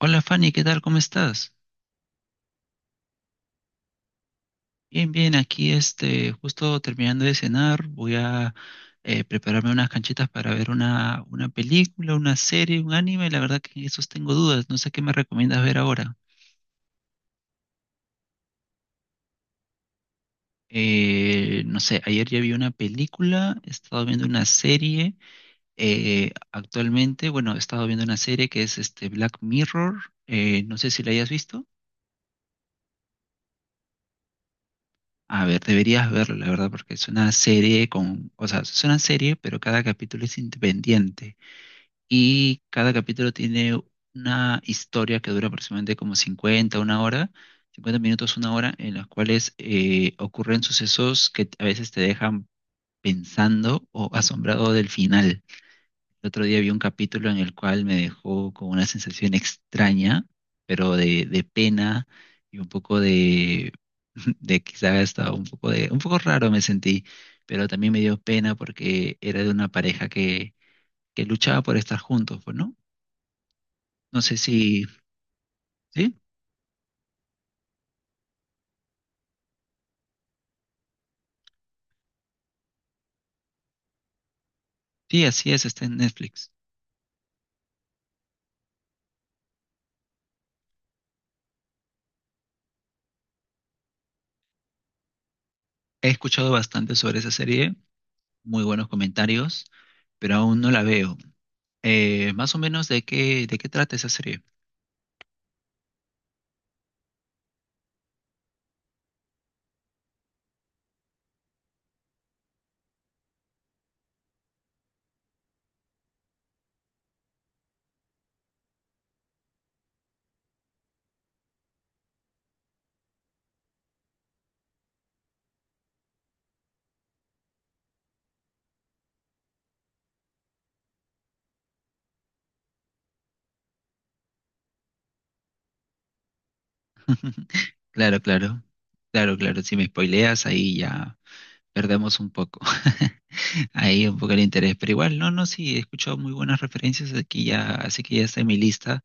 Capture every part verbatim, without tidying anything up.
Hola Fanny, ¿qué tal? ¿Cómo estás? Bien, bien, aquí este, justo terminando de cenar, voy a eh, prepararme unas canchitas para ver una, una película, una serie, un anime, la verdad que en esos tengo dudas, no sé qué me recomiendas ver ahora. Eh, no sé, ayer ya vi una película, he estado viendo una serie, eh, actualmente, bueno, he estado viendo una serie que es este Black Mirror, eh, no sé si la hayas visto. A ver, deberías verlo, la verdad, porque es una serie con, o sea, es una serie, pero cada capítulo es independiente y cada capítulo tiene una historia que dura aproximadamente como cincuenta, una hora, cincuenta minutos, una hora, en las cuales eh, ocurren sucesos que a veces te dejan pensando o asombrado del final. El otro día vi un capítulo en el cual me dejó con una sensación extraña, pero de, de pena y un poco de, de quizá hasta un poco de, un poco raro me sentí, pero también me dio pena porque era de una pareja que, que luchaba por estar juntos, pues, ¿no? No sé si, sí, sí, así es, está en Netflix. He escuchado bastante sobre esa serie, muy buenos comentarios, pero aún no la veo. Eh, más o menos de qué, de qué trata esa serie. Claro, claro. Claro, claro. Si me spoileas, ahí ya perdemos un poco. Ahí un poco el interés. Pero igual, no, no, sí, he escuchado muy buenas referencias aquí ya, así que ya está en mi lista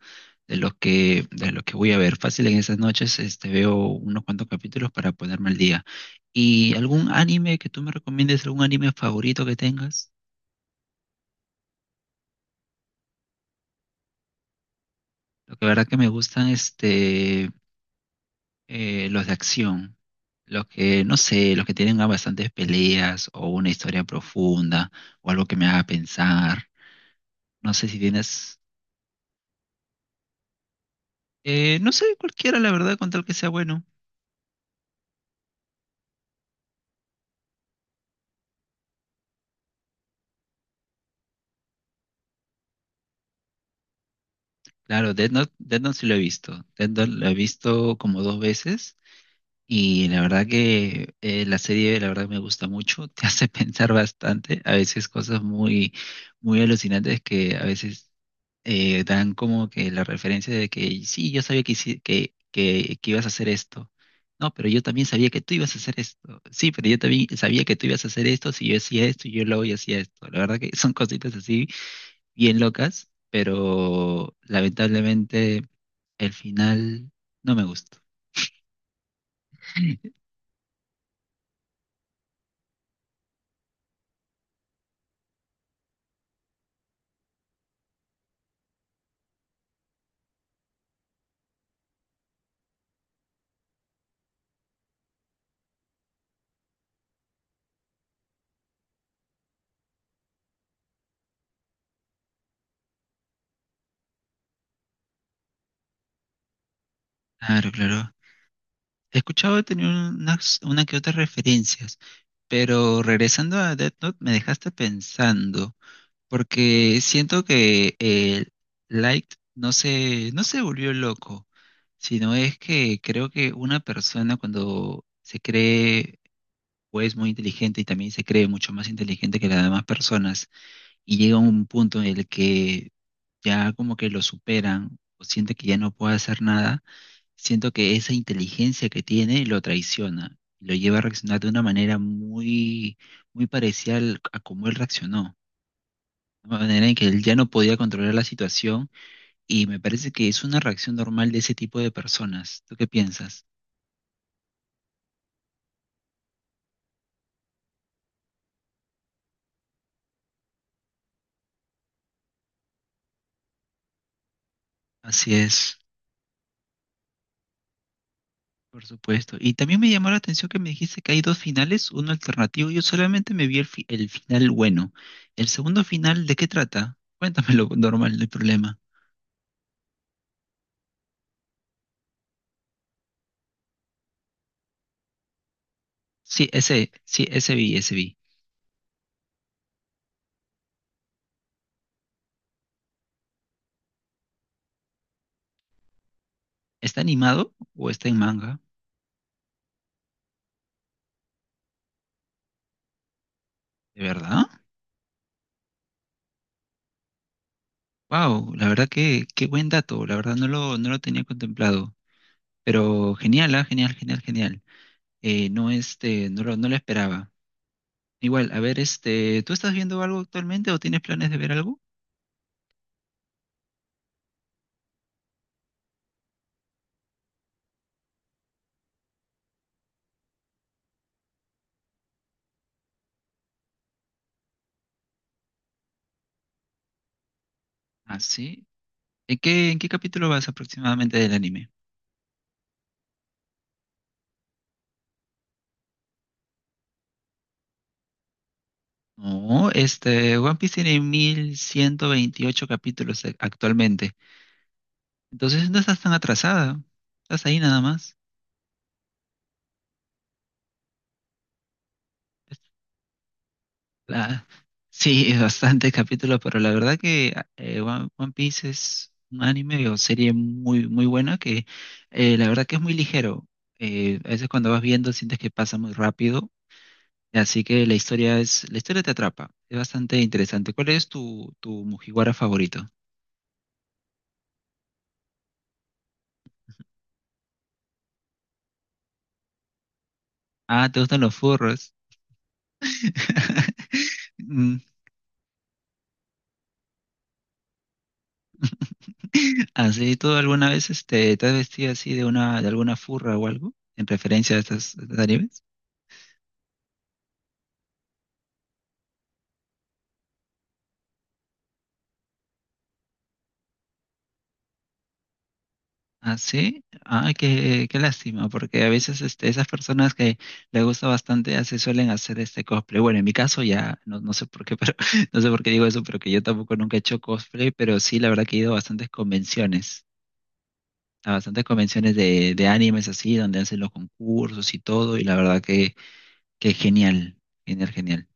de los que, de los que voy a ver. Fácil en esas noches, este, veo unos cuantos capítulos para ponerme al día. ¿Y algún anime que tú me recomiendes, algún anime favorito que tengas? Lo que verdad que me gustan, este, eh, los de acción, los que, no sé, los que tengan bastantes peleas o una historia profunda o algo que me haga pensar. No sé si tienes, eh, no sé, cualquiera, la verdad, con tal que sea bueno. Claro, Death Note, Death Note sí lo he visto. Death Note lo he visto como dos veces y la verdad que eh, la serie, la verdad, me gusta mucho. Te hace pensar bastante, a veces cosas muy, muy alucinantes que a veces eh, dan como que la referencia de que sí, yo sabía que, hici- que, que, que ibas a hacer esto. No, pero yo también sabía que tú ibas a hacer esto. Sí, pero yo también sabía que tú ibas a hacer esto si yo hacía esto y yo luego yo hacía esto. La verdad que son cositas así bien locas, pero lamentablemente el final no me gustó. Claro, claro. He escuchado tener unas, una que otras referencias, pero regresando a Death Note me dejaste pensando. Porque siento que eh, Light no se, no se volvió loco, sino es que creo que una persona cuando se cree o es muy inteligente y también se cree mucho más inteligente que las demás personas y llega a un punto en el que ya como que lo superan o siente que ya no puede hacer nada, siento que esa inteligencia que tiene lo traiciona, lo lleva a reaccionar de una manera muy, muy parecida al- a como él reaccionó una manera en que él ya no podía controlar la situación y me parece que es una reacción normal de ese tipo de personas. ¿Tú qué piensas? Así es, por supuesto. Y también me llamó la atención que me dijiste que hay dos finales, uno alternativo. Yo solamente me vi el, fi- el final bueno. ¿El segundo final de qué trata? Cuéntamelo, normal, no hay problema. Sí, ese, sí, ese vi, ese vi. ¿Está animado o está en manga? ¿De verdad? Wow, la verdad que qué buen dato, la verdad no lo, no lo tenía contemplado. Pero genial, ah, genial, genial, genial. Eh, no, este, no lo, no lo esperaba. Igual, a ver, este, ¿tú estás viendo algo actualmente o tienes planes de ver algo? Ah, sí. ¿En qué, en qué capítulo vas aproximadamente del anime? No, este, One Piece tiene mil ciento veintiocho capítulos eh, actualmente. Entonces no estás tan atrasada. Estás ahí nada más. La- sí, es bastante capítulo, pero la verdad que eh, One, One Piece es un anime o serie muy, muy buena que eh, la verdad que es muy ligero. Eh, a veces cuando vas viendo sientes que pasa muy rápido, así que la historia es, la historia te atrapa, es bastante interesante. ¿Cuál es tu, tu Mugiwara favorito? Ah, ¿te gustan los furros? Mm. ¿Así tú alguna vez este, te has vestido así de una, de alguna furra o algo en referencia a estas, a estos animes? Ah, sí, ah, qué, qué lástima, porque a veces este, esas personas que les gusta bastante ya se suelen hacer este cosplay. Bueno, en mi caso ya, no, no sé por qué, pero no sé por qué digo eso, pero que yo tampoco nunca he hecho cosplay, pero sí, la verdad que he ido a bastantes convenciones, a bastantes convenciones de, de animes así, donde hacen los concursos y todo, y la verdad que, que genial, genial, genial.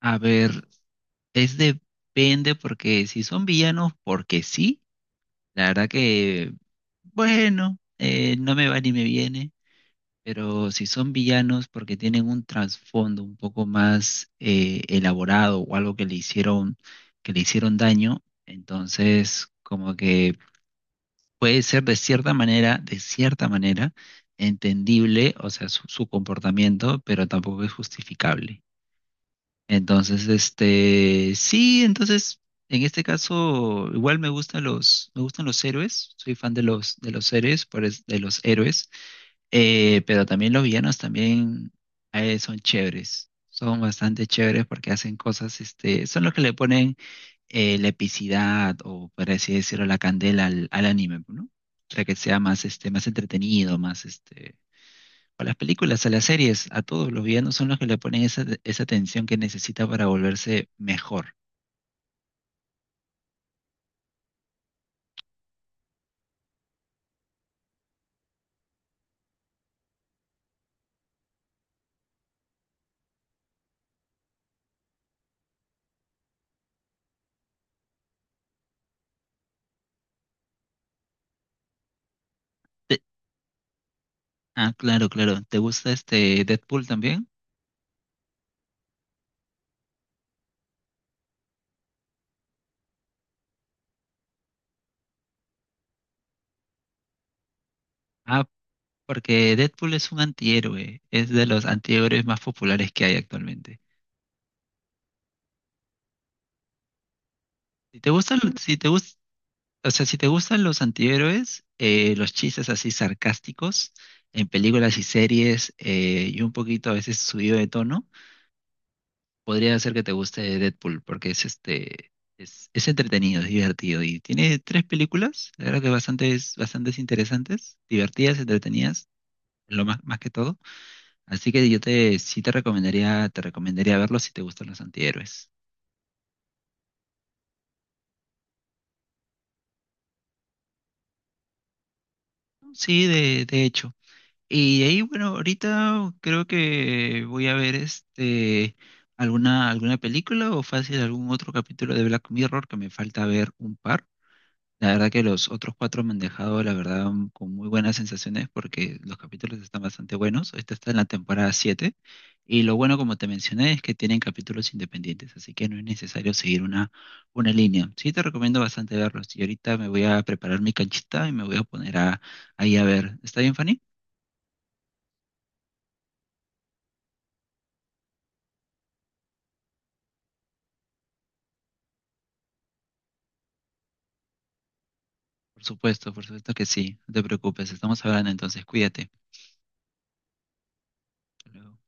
A ver, es depende, porque si son villanos, porque sí, la verdad que, bueno, eh, no me va ni me viene. Pero si son villanos porque tienen un trasfondo un poco más eh, elaborado o algo que le hicieron, que le hicieron daño, entonces como que puede ser de cierta manera, de cierta manera, entendible, o sea, su, su comportamiento, pero tampoco es justificable. Entonces, este, sí, entonces, en este caso, igual me gustan los, me gustan los héroes, soy fan de los, de los héroes, por es- de los héroes. Eh, pero también los villanos también eh, son chéveres, son bastante chéveres porque hacen cosas, este, son los que le ponen eh, la epicidad o, por así decirlo, la candela al, al anime, ¿no? Para que sea más, este, más entretenido, más, este, a las películas, a las series, a todos los villanos son los que le ponen esa, esa tensión que necesita para volverse mejor. Te- ah, claro, claro. ¿Te gusta este Deadpool también? Ah, porque Deadpool es un antihéroe, es de los antihéroes más populares que hay actualmente. Si te gustan, mm, si te gus- o sea, si te gustan los antihéroes, eh, los chistes así sarcásticos en películas y series eh, y un poquito a veces subido de tono, podría ser que te guste Deadpool porque es este es, es entretenido, es divertido y tiene tres películas, la verdad que bastante, bastantes bastantes interesantes, divertidas, entretenidas, lo más, más que todo. Así que yo te sí te recomendaría, te recomendaría verlo si te gustan los antihéroes. Sí, de, de hecho. Y de ahí, bueno, ahorita creo que voy a ver este alguna, alguna película o fácil algún otro capítulo de Black Mirror que me falta ver un par. La verdad que los otros cuatro me han dejado, la verdad, un- con muy buenas sensaciones porque los capítulos están bastante buenos. Esta está en la temporada siete y lo bueno, como te mencioné, es que tienen capítulos independientes, así que no es necesario seguir una, una línea. Sí te recomiendo bastante verlos y ahorita me voy a preparar mi canchita y me voy a poner a, ahí a ver. ¿Está bien, Fanny? Por supuesto, por supuesto que sí. No te preocupes, estamos hablando entonces, cuídate. Hasta luego.